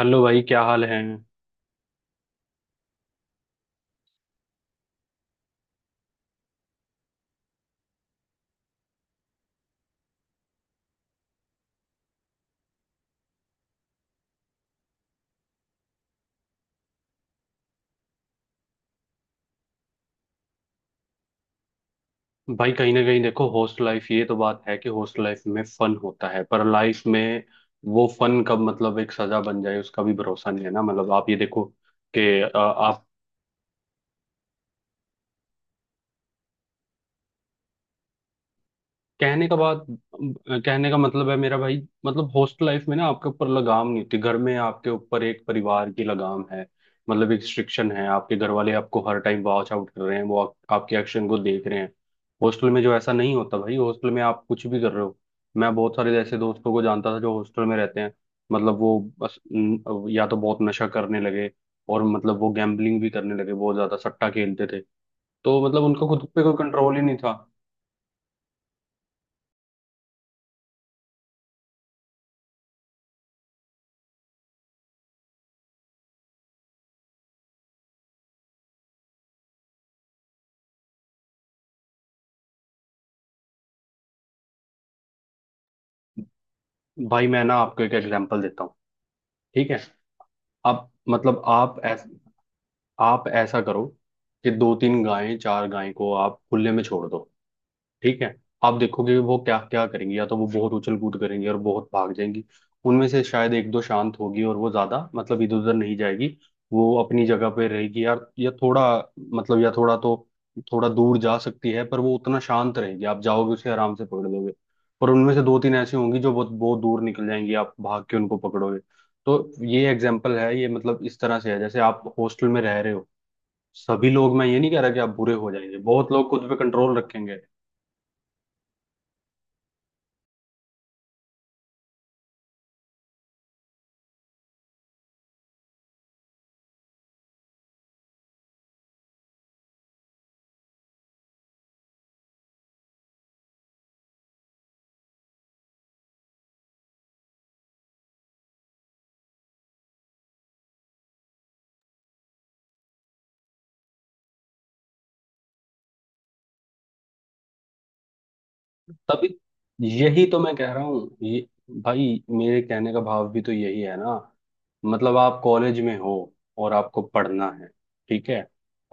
Hello भाई, क्या हाल है। भाई कहीं ना कहीं देखो हॉस्टल लाइफ, ये तो बात है कि हॉस्टल लाइफ में फन होता है, पर लाइफ में वो फन कब मतलब एक सजा बन जाए उसका भी भरोसा नहीं है ना। मतलब आप ये देखो कि आप कहने का बात, कहने का मतलब है मेरा भाई, मतलब हॉस्टल लाइफ में ना आपके ऊपर लगाम नहीं होती। घर में आपके ऊपर एक परिवार की लगाम है, मतलब एक रिस्ट्रिक्शन है। आपके घर वाले आपको हर टाइम वॉच आउट कर रहे हैं, वो आपके एक्शन को देख रहे हैं। हॉस्टल में जो ऐसा नहीं होता भाई, हॉस्टल में आप कुछ भी कर रहे हो। मैं बहुत सारे ऐसे दोस्तों को जानता था जो हॉस्टल में रहते हैं, मतलब वो बस न- या तो बहुत नशा करने लगे, और मतलब वो गैम्बलिंग भी करने लगे, बहुत ज्यादा सट्टा खेलते थे। तो मतलब उनका खुद पे कोई कंट्रोल ही नहीं था। भाई मैं ना आपको एक एग्जांपल देता हूँ। ठीक है। आप मतलब आप ऐस, आप ऐसा करो कि दो तीन गायें, चार गायें को आप खुले में छोड़ दो। ठीक है। आप देखोगे कि वो क्या क्या करेंगी। या तो वो बहुत उछल कूद करेंगी और बहुत भाग जाएंगी। उनमें से शायद एक दो शांत होगी, और वो ज्यादा मतलब इधर उधर नहीं जाएगी। वो अपनी जगह पे रहेगी यार, या थोड़ा मतलब थोड़ा दूर जा सकती है, पर वो उतना शांत रहेगी, आप जाओगे उसे आराम से पकड़ लोगे। पर उनमें से दो तीन ऐसी होंगी जो बहुत बहुत दूर निकल जाएंगी, आप भाग के उनको पकड़ोगे। तो ये एग्जाम्पल है, ये मतलब इस तरह से है जैसे आप हॉस्टल में रह रहे हो। सभी लोग, मैं ये नहीं कह रहा कि आप बुरे हो जाएंगे, बहुत लोग खुद पे कंट्रोल रखेंगे। तभी, यही तो मैं कह रहा हूँ ये। भाई मेरे कहने का भाव भी तो यही है ना। मतलब आप कॉलेज में हो और आपको पढ़ना है। ठीक है।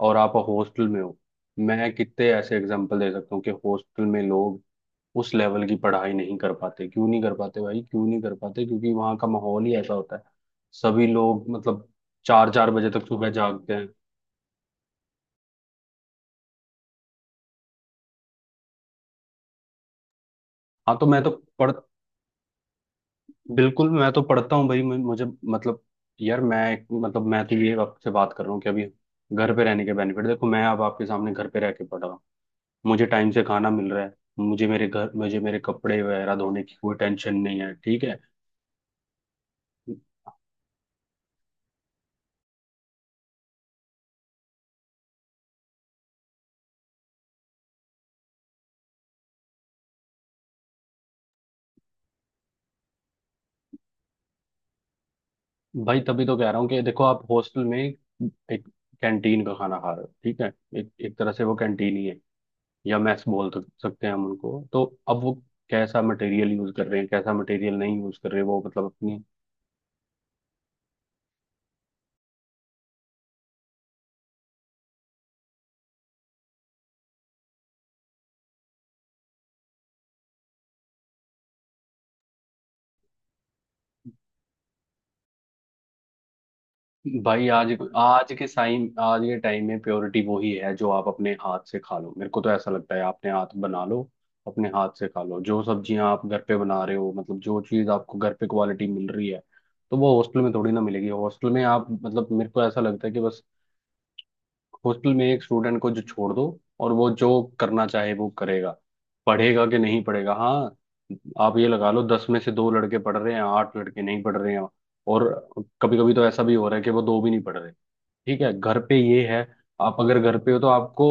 और आप हॉस्टल में हो। मैं कितने ऐसे एग्जांपल दे सकता हूँ कि हॉस्टल में लोग उस लेवल की पढ़ाई नहीं कर पाते। क्यों नहीं कर पाते भाई, क्यों नहीं कर पाते? क्योंकि वहाँ का माहौल ही ऐसा होता है, सभी लोग मतलब चार चार बजे तक सुबह जागते हैं। हाँ तो मैं तो पढ़ बिल्कुल मैं तो पढ़ता हूँ भाई, मुझे मतलब, यार मैं मतलब मैं तो ये आपसे बात कर रहा हूँ कि अभी घर पे रहने के बेनिफिट देखो। मैं अब आपके सामने घर पे रह के पढ़ रहा हूँ। मुझे टाइम से खाना मिल रहा है। मुझे मेरे घर, मुझे मेरे कपड़े वगैरह धोने की कोई टेंशन नहीं है। ठीक है। भाई तभी तो कह रहा हूँ कि देखो आप हॉस्टल में एक कैंटीन का खाना खा रहे हो। ठीक है। एक एक तरह से वो कैंटीन ही है, या मैस सकते हैं हम उनको तो। अब वो कैसा मटेरियल यूज कर रहे हैं, कैसा मटेरियल नहीं यूज कर रहे, वो मतलब अपनी। भाई आज आज के साइम आज के टाइम में प्योरिटी वो ही है जो आप अपने हाथ से खा लो। मेरे को तो ऐसा लगता है आपने हाथ बना लो, अपने हाथ से खा लो। जो सब्जियां आप घर पे बना रहे हो, मतलब जो चीज आपको घर पे क्वालिटी मिल रही है, तो वो हॉस्टल में थोड़ी ना मिलेगी। हॉस्टल में आप मतलब, मेरे को ऐसा लगता है कि बस हॉस्टल में एक स्टूडेंट को जो छोड़ दो, और वो जो करना चाहे वो करेगा। पढ़ेगा कि नहीं पढ़ेगा। हाँ, आप ये लगा लो 10 में से दो लड़के पढ़ रहे हैं, 8 लड़के नहीं पढ़ रहे हैं। और कभी कभी तो ऐसा भी हो रहा है कि वो दो भी नहीं पढ़ रहे। ठीक है, घर पे ये है, आप अगर घर पे हो तो आपको,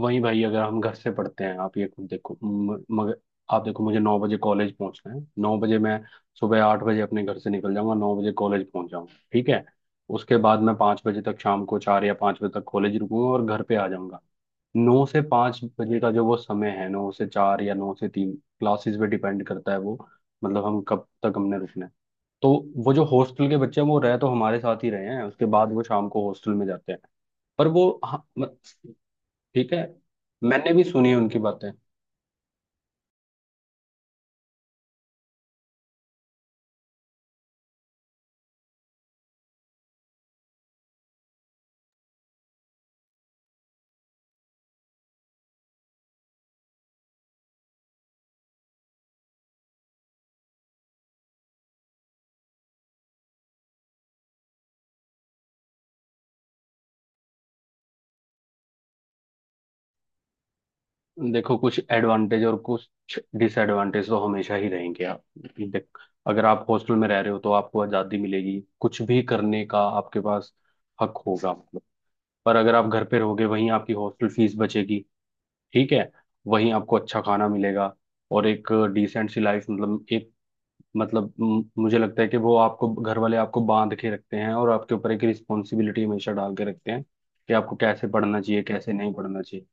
वही भाई अगर हम घर से पढ़ते हैं। आप ये खुद देखो, मगर आप देखो, मुझे 9 बजे कॉलेज पहुंचना है। 9 बजे मैं, सुबह 8 बजे अपने घर से निकल जाऊंगा, 9 बजे कॉलेज पहुंच जाऊंगा। ठीक है। उसके बाद मैं 5 बजे तक, शाम को 4 या 5 बजे तक कॉलेज रुकूंगा और घर पे आ जाऊंगा। 9 से 5 बजे का जो वो समय है, नौ से 4 या 9 से 3, क्लासेस पे डिपेंड करता है वो, मतलब हम कब तक हमने रुकना है। तो वो जो हॉस्टल के बच्चे हैं, वो रह तो हमारे साथ ही रहे हैं, उसके बाद वो शाम को हॉस्टल में जाते हैं। पर वो हाँ, ठीक है, मैंने भी सुनी है उनकी बातें। देखो कुछ एडवांटेज और कुछ डिसएडवांटेज तो हमेशा ही रहेंगे। आप देख अगर आप हॉस्टल में रह रहे हो तो आपको आज़ादी मिलेगी, कुछ भी करने का आपके पास हक होगा, मतलब। पर अगर आप घर पे रहोगे, वहीं आपकी हॉस्टल फीस बचेगी। ठीक है। वहीं आपको अच्छा खाना मिलेगा, और एक डिसेंट सी लाइफ, मतलब एक मतलब, मुझे लगता है कि वो, आपको घर वाले आपको बांध के रखते हैं, और आपके ऊपर एक रिस्पॉन्सिबिलिटी हमेशा डाल के रखते हैं कि आपको कैसे पढ़ना चाहिए, कैसे नहीं पढ़ना चाहिए।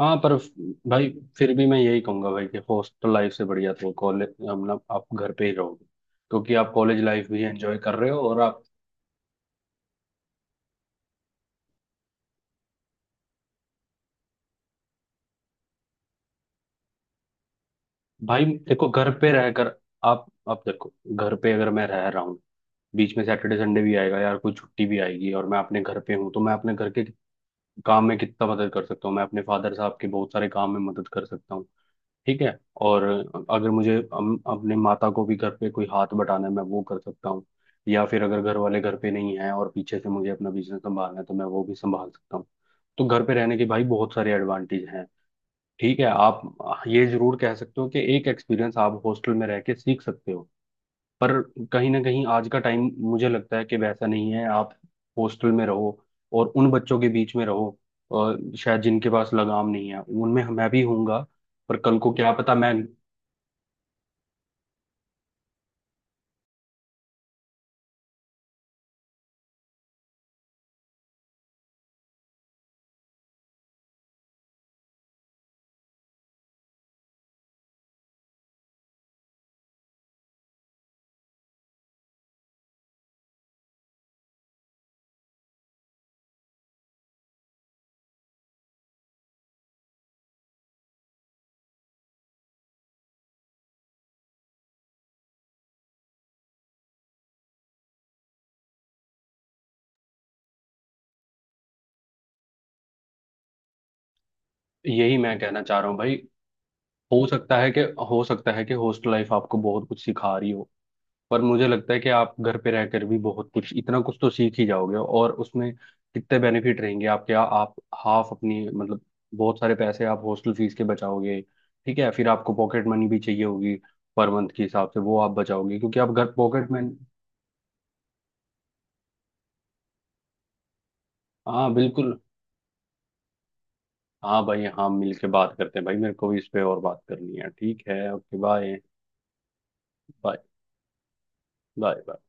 हाँ पर भाई, फिर भी मैं यही कहूंगा भाई कि हॉस्टल लाइफ से बढ़िया तो कॉलेज, मतलब आप घर पे ही रहोगे क्योंकि आप कॉलेज लाइफ भी एंजॉय कर रहे हो और आप, भाई देखो घर पे रहकर, आप देखो, घर पे अगर मैं रह रहा हूँ, बीच में सैटरडे संडे भी आएगा यार, कोई छुट्टी भी आएगी और मैं अपने घर पे हूँ, तो मैं अपने घर के काम में कितना मदद कर सकता हूँ। मैं अपने फादर साहब के बहुत सारे काम में मदद कर सकता हूँ। ठीक है। और अगर मुझे अपने माता को भी घर पे कोई हाथ बटाना है, मैं वो कर सकता हूँ। या फिर अगर घर वाले घर पे नहीं है और पीछे से मुझे अपना बिजनेस संभालना है, तो मैं वो भी संभाल सकता हूँ। तो घर पे रहने के भाई बहुत सारे एडवांटेज हैं। ठीक है। आप ये जरूर कह सकते हो कि एक एक्सपीरियंस आप हॉस्टल में रह के सीख सकते हो। पर कहीं ना कहीं आज का टाइम, मुझे लगता है कि वैसा नहीं है। आप हॉस्टल में रहो और उन बच्चों के बीच में रहो, और शायद जिनके पास लगाम नहीं है उनमें मैं भी हूँगा। पर कल को क्या पता मैं, यही मैं कहना चाह रहा हूँ भाई। हो सकता है कि हो सकता है कि हॉस्टल लाइफ आपको बहुत कुछ सिखा रही हो, पर मुझे लगता है कि आप घर पे रहकर भी बहुत कुछ, इतना कुछ तो सीख ही जाओगे, और उसमें कितने बेनिफिट रहेंगे आपके। आप हाफ अपनी मतलब, बहुत सारे पैसे आप हॉस्टल फीस के बचाओगे। ठीक है। फिर आपको पॉकेट मनी भी चाहिए होगी, पर मंथ के हिसाब से वो आप बचाओगे, क्योंकि आप घर पॉकेट मनी, हाँ बिल्कुल। हाँ भाई, हाँ मिल के बात करते हैं भाई, मेरे को भी इस पे और बात करनी है। ठीक है, ओके बाय। बाय। बाय।